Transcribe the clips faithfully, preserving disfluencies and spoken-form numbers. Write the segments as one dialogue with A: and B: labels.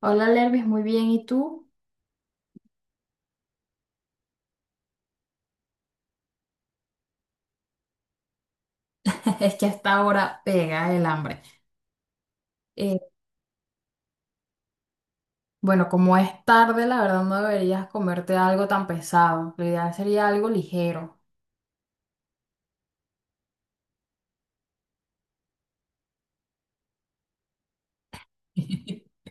A: Hola Lervis, muy bien. ¿Y tú? Es que hasta ahora pega el hambre. Eh, bueno, como es tarde, la verdad no deberías comerte algo tan pesado. Lo ideal sería algo ligero.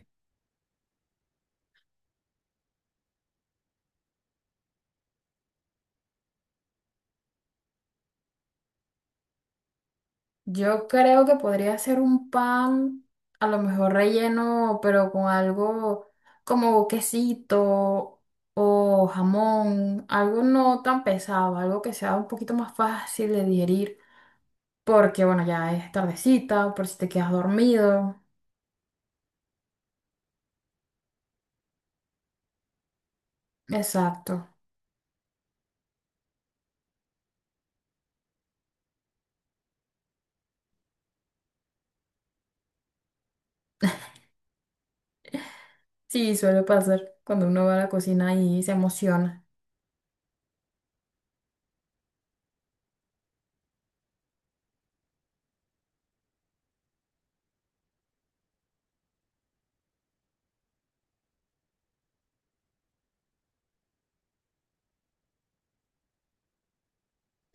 A: Yo creo que podría ser un pan, a lo mejor relleno, pero con algo como quesito o jamón, algo no tan pesado, algo que sea un poquito más fácil de digerir, porque bueno, ya es tardecita, por si te quedas dormido. Exacto. Sí, suele pasar cuando uno va a la cocina y se emociona.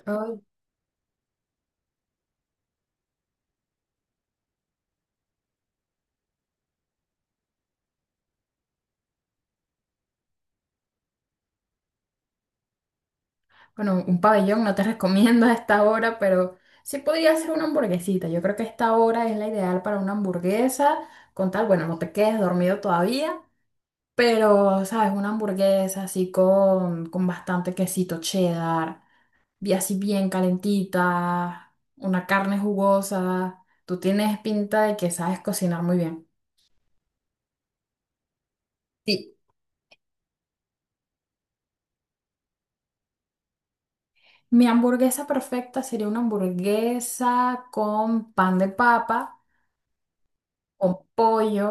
A: Ay, bueno, un pabellón no te recomiendo a esta hora, pero sí podría ser una hamburguesita. Yo creo que esta hora es la ideal para una hamburguesa, con tal, bueno, no te quedes dormido todavía, pero, ¿sabes? Una hamburguesa así con, con bastante quesito cheddar, y así bien calentita, una carne jugosa. Tú tienes pinta de que sabes cocinar muy bien. Mi hamburguesa perfecta sería una hamburguesa con pan de papa, con pollo,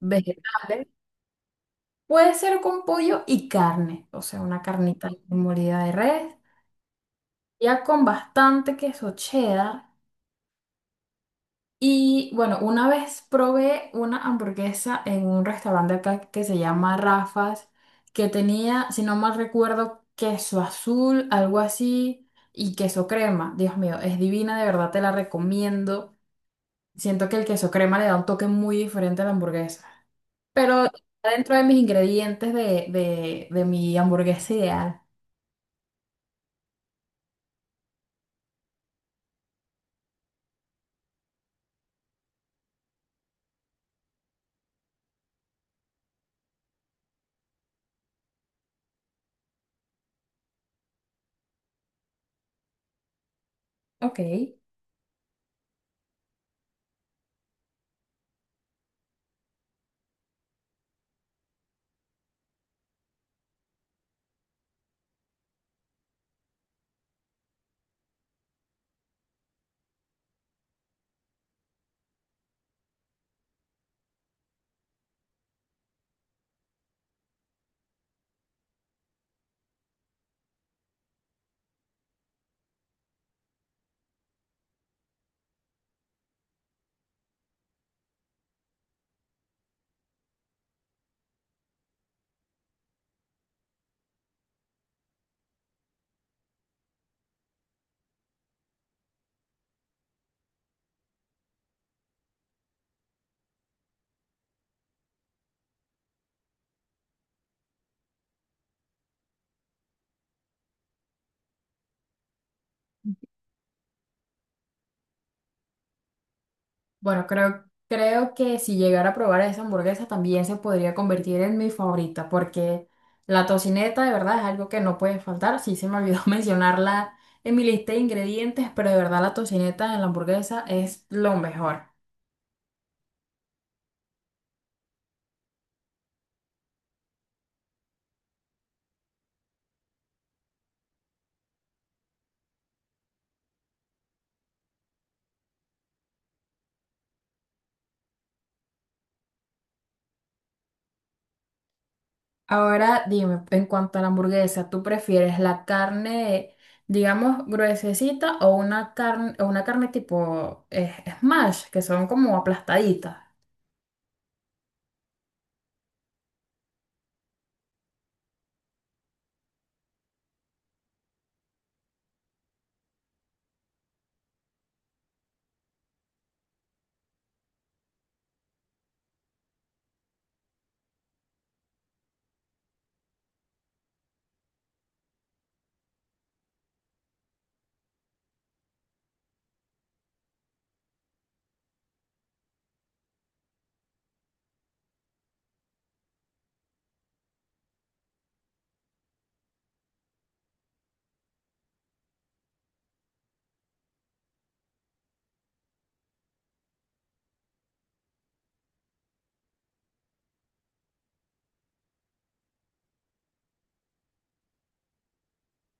A: vegetales. Puede ser con pollo y carne, o sea, una carnita molida de res, ya con bastante queso cheddar. Y bueno, una vez probé una hamburguesa en un restaurante acá que se llama Rafa's, que tenía, si no mal recuerdo, queso azul, algo así, y queso crema. Dios mío, es divina, de verdad te la recomiendo. Siento que el queso crema le da un toque muy diferente a la hamburguesa. Pero está dentro de mis ingredientes de, de, de mi hamburguesa ideal. Ok. Bueno, creo, creo que si llegara a probar esa hamburguesa también se podría convertir en mi favorita, porque la tocineta de verdad es algo que no puede faltar. Sí se me olvidó mencionarla en mi lista de ingredientes, pero de verdad la tocineta en la hamburguesa es lo mejor. Ahora dime, en cuanto a la hamburguesa, ¿tú prefieres la carne, digamos, gruesecita o una carne, o una carne tipo eh, smash, que son como aplastaditas?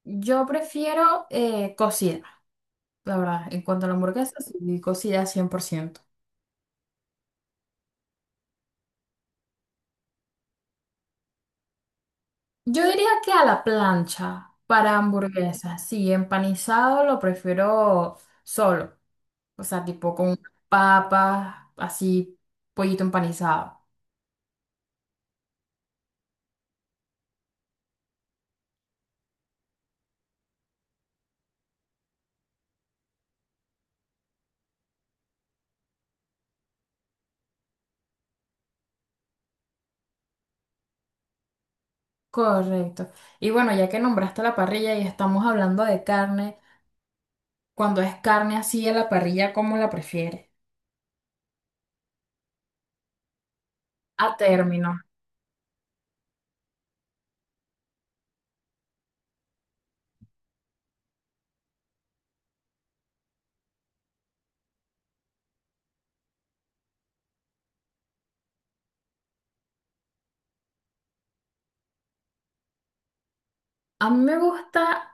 A: Yo prefiero eh, cocida, la verdad. En cuanto a la hamburguesa, sí, cocida cien por ciento. Yo diría que a la plancha para hamburguesas, sí, empanizado lo prefiero solo. O sea, tipo con papas, así, pollito empanizado. Correcto. Y bueno, ya que nombraste la parrilla y estamos hablando de carne, cuando es carne así a la parrilla, ¿cómo la prefieres? A término. A mí me gusta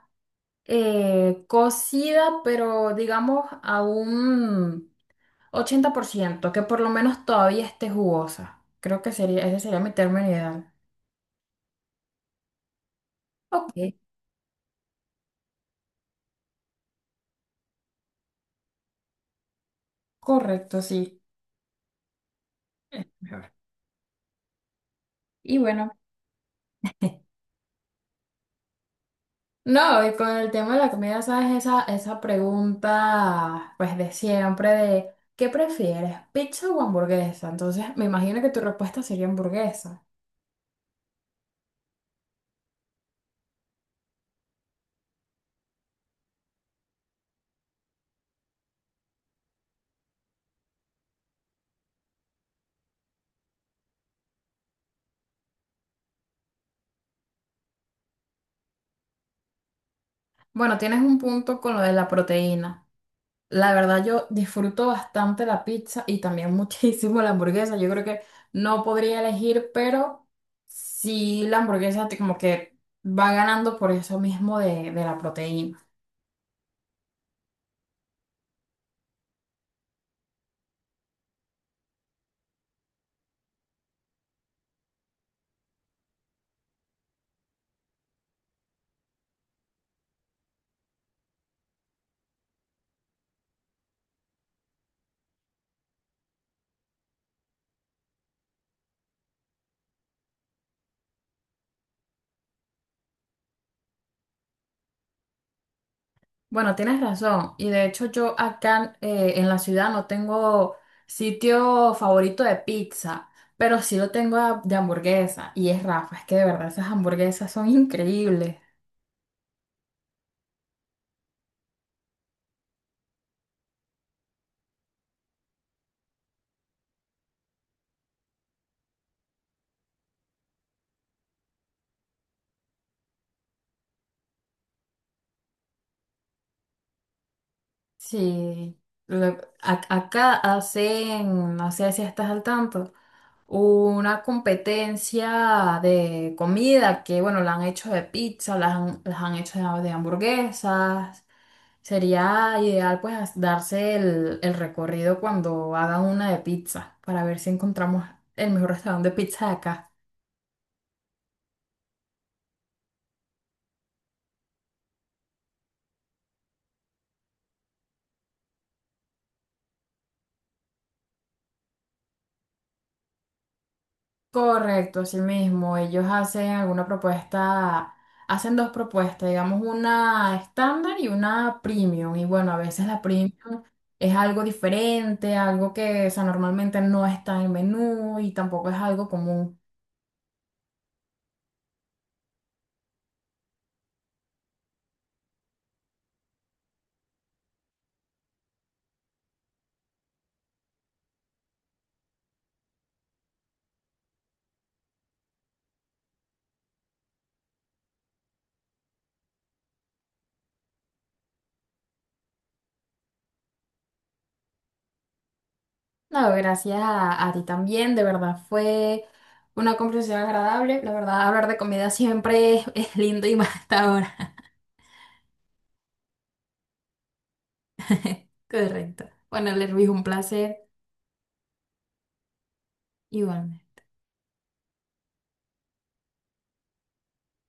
A: eh, cocida, pero digamos a un ochenta por ciento, que por lo menos todavía esté jugosa. Creo que sería, ese sería mi término ideal. Ok, correcto, sí. Es mejor. Y bueno. No, y con el tema de la comida, ¿sabes? Esa, esa pregunta, pues de siempre, de ¿qué prefieres, pizza o hamburguesa? Entonces, me imagino que tu respuesta sería hamburguesa. Bueno, tienes un punto con lo de la proteína. La verdad, yo disfruto bastante la pizza y también muchísimo la hamburguesa. Yo creo que no podría elegir, pero sí la hamburguesa te- como que va ganando por eso mismo de, de la proteína. Bueno, tienes razón. Y de hecho yo acá eh, en la ciudad no tengo sitio favorito de pizza, pero sí lo tengo a- de hamburguesa. Y es Rafa, es que de verdad esas hamburguesas son increíbles. Sí, le- a- acá hacen, no sé si estás al tanto, una competencia de comida que, bueno, la han hecho de pizza, las han, las han hecho de de hamburguesas. Sería ideal pues as- darse el, el recorrido cuando hagan una de pizza para ver si encontramos el mejor restaurante de pizza de acá. Correcto, así mismo. Ellos hacen alguna propuesta, hacen dos propuestas, digamos una estándar y una premium. Y bueno, a veces la premium es algo diferente, algo que o sea, normalmente no está en el menú y tampoco es algo común. No, gracias a, a ti también, de verdad fue una conversación agradable. La verdad, hablar de comida siempre es, es lindo y más hasta ahora. Correcto. Bueno, Lervis, un placer. Igual.